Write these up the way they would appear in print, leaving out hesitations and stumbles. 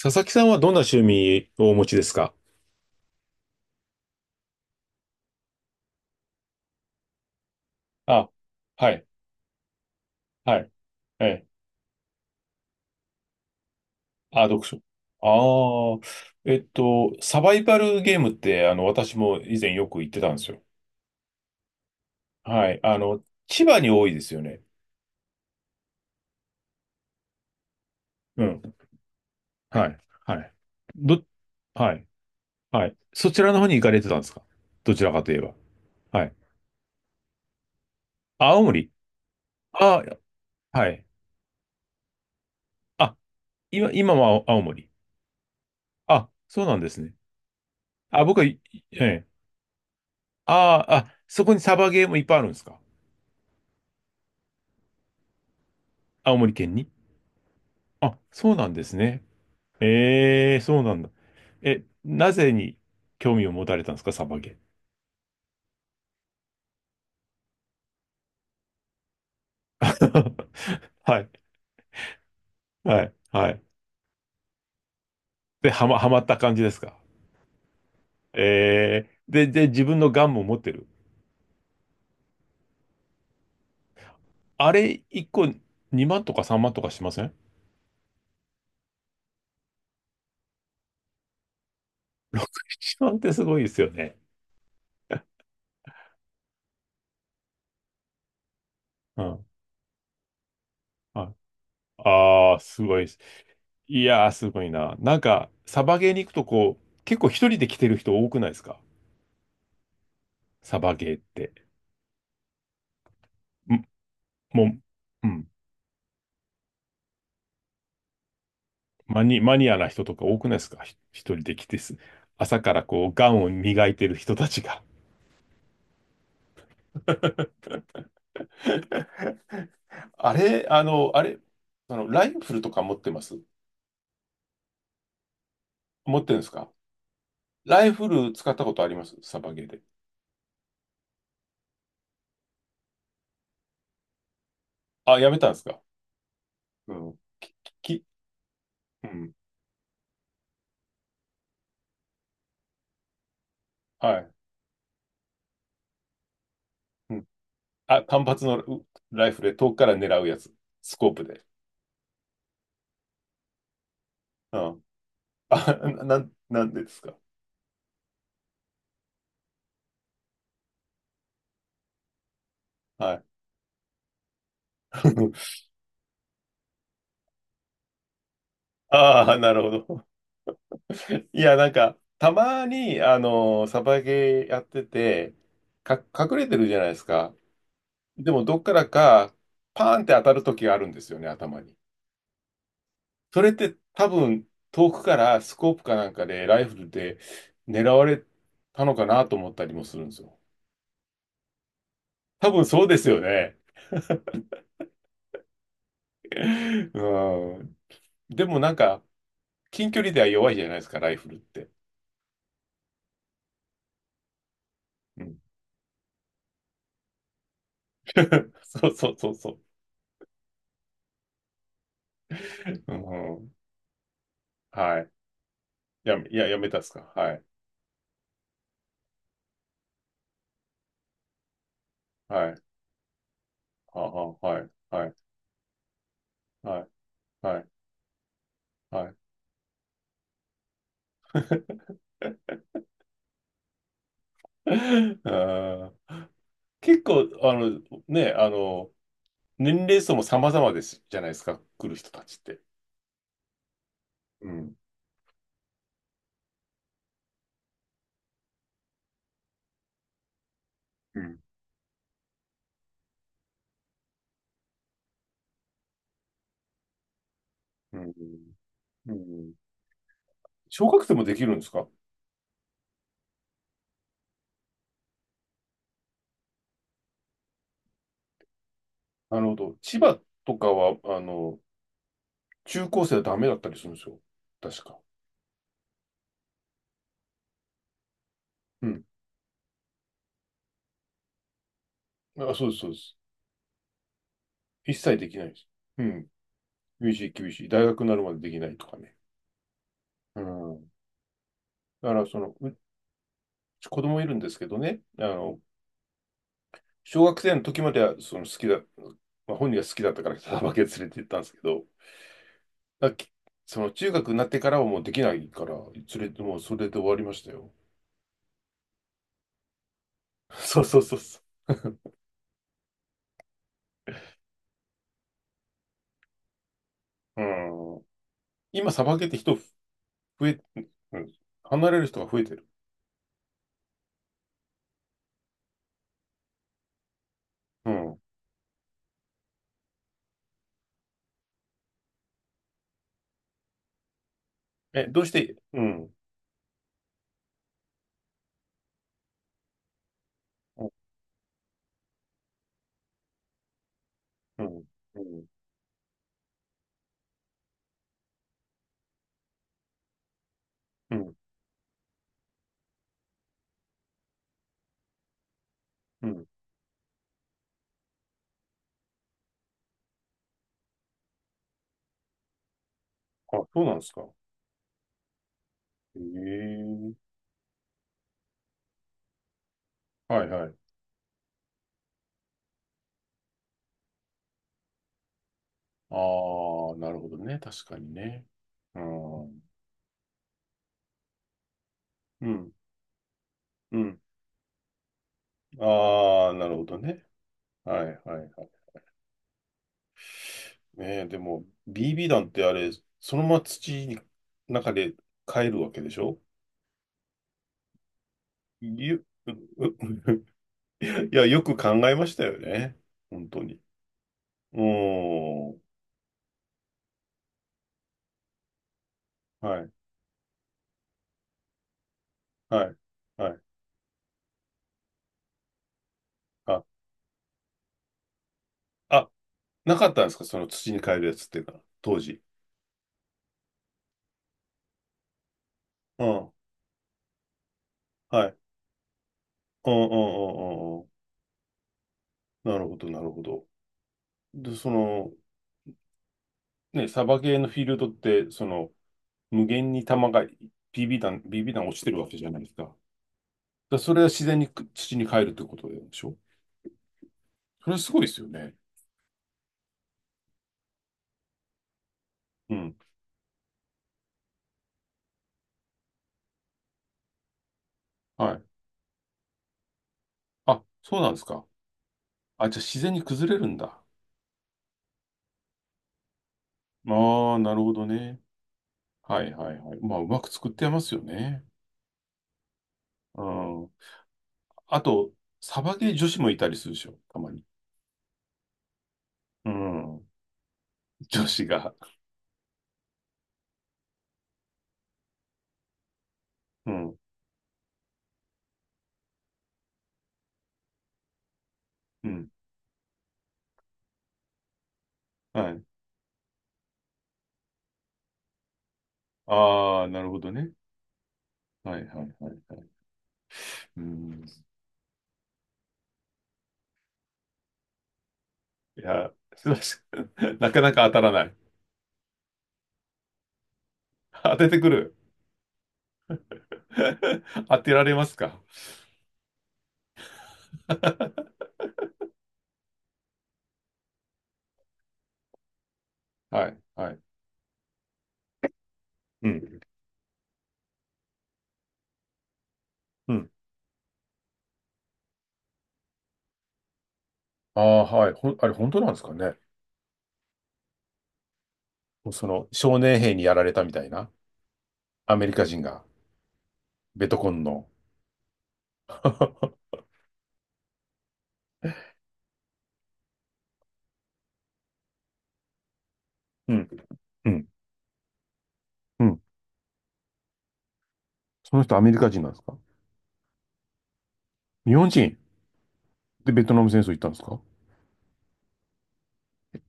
佐々木さんはどんな趣味をお持ちですか？あ、はい、はい、えあ、読書。ああ、サバイバルゲームって、私も以前よく行ってたんですよ。はい、千葉に多いですよね。うん、はい、はい。ど、はい、はい。そちらの方に行かれてたんですか？どちらかといえば。はい。青森。あ、はい。あ、今は青森。あ、そうなんですね。あ、僕は、いええ。ああ、あそこにサバゲームいっぱいあるんですか？青森県に？あ、そうなんですね。ええ、そうなんだ。え、なぜに興味を持たれたんですか、サバゲー？はい、はい、はい。で、はまった感じですか。ええ、で、自分のガンも持ってる。あれ、1個2万とか3万とかしません？ 1 万ってすごいですよね。うん。はい、ああ、すごいです。いやー、すごいな。なんか、サバゲーに行くとこう、結構一人で来てる人多くないですか？サバゲーって。んもう、うん。マニアな人とか多くないですか？一人で来て朝からこう、ガンを磨いてる人たちが。あれ、あの、ライフルとか持ってます？持ってるんですか？ライフル使ったことあります？サバゲーで。あ、やめたんですか？うん。き、うん。はい。うん。あ、単発のうライフルで遠くから狙うやつ。スコープで。うん。あ、なんなんでですか？はい。ああ、なるほど。いや、なんか、たまに、あの、サバゲーやってて、隠れてるじゃないですか。でも、どっからか、パーンって当たる時があるんですよね、頭に。それって、多分、遠くからスコープかなんかで、ライフルで狙われたのかなと思ったりもするんですよ。多分そうですよね。うん。でも、なんか、近距離では弱いじゃないですか、ライフルって。うん。 そうそうそうそう。うん、はい。いや、やめたっすか。はい。はい。はあはあ、はい、はい、はい、はい、はい。あー。結構、あの、ね、あの、年齢層も様々ですじゃないですか、来る人たちって。うん、うん、うん、うん。小学生もできるんですか？なるほど。千葉とかは、あの、中高生はダメだったりするんですよ。確か。うん。あ、そうです、そうです。一切できないです。うん。厳しい、厳しい。大学になるまでできないとかね。うん。だから、その、うち子供いるんですけどね、あの、小学生の時まではその好きだ、まあ、本人が好きだったからサバけ連れて行ったんですけど、だきその中学になってからはもうできないから、連れて、もうそれで終わりましたよ。そうそうそうそう。うん。今、サバゲーって人増え、うん、離れる人が増えてる。うん。え、どうして、うん、うん、うん、うん、うん。うん、あ、そうなんですか。へえ。はいはい。ああ、なるほどね。確かにね。うん。うん。うん。ああ、なるほどね。はいはいはい。ねえ、でも、BB 弾ってあれ、そのまま土の中で帰るわけでしょ？ゆ、うう いや、よく考えましたよね。本当に。うーん。はい、はい、はい。あ、あ、なかったんですかその土に帰るやつっていうのは、当時。うん、はい。うん、うん、うん、うん。うん。なるほど、なるほど。で、その、ね、サバゲーのフィールドって、その、無限に弾が、ビービー弾、BB 弾落ちてるわけじゃないですか。それは自然に土に帰るということでしょ？それはすごいですよね。うん。はい。あ、そうなんですか。あ、じゃあ自然に崩れるんだ。ああ、なるほどね。はいはいはい。まあ、うまく作ってますよね。うん。あと、サバゲー女子もいたりするでしょ、たまに。うん。女子が。うん。うん。はい。ああ、なるほどね。はいはいはいはい。うん。いや、すいません。なかなか当たらない。当ててくる。当てられますか？ はい。はい。うん。うん。ああ、はい。あれ、本当なんですかね。その、少年兵にやられたみたいな、アメリカ人が、ベトコンの。うん。うん。うん。その人、アメリカ人なんですか？日本人でベトナム戦争行ったんですか？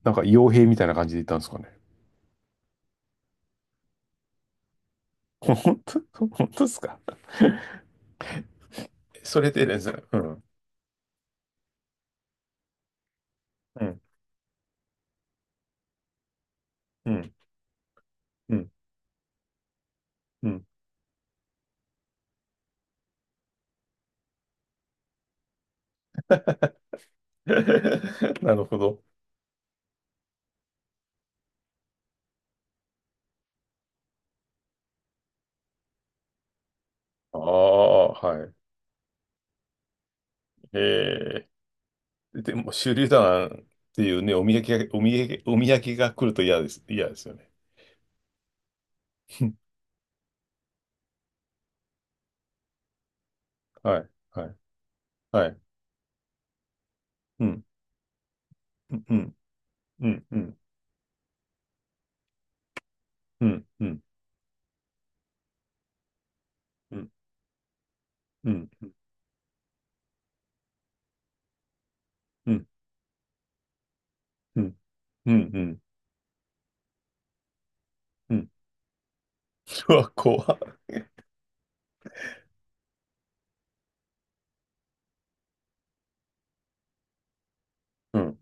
なんか、傭兵みたいな感じで行ったんですかね。本当、本当ですか？それでですね。うん。うん。うん。うん。うん。なるほど。ああ、はい。ええ。でも、手榴弾っていうね、お土産が、お土産、お土産が来ると嫌です。嫌ですよね。はい、はい、はい。うん、うん、うん、うん、うん、うん、うん、うん、うん、うん、うん、うん、うん、うん。うわ、怖っ。うん。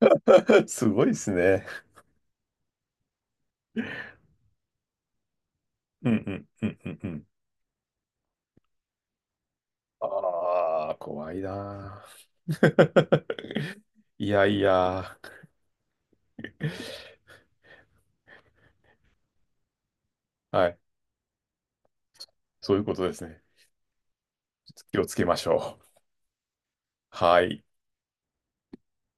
すごいですね。うん、うん、うん、うん、うん。ああ、怖いなー。いやいや。はい。そういうことですね。気をつけましょう。はい。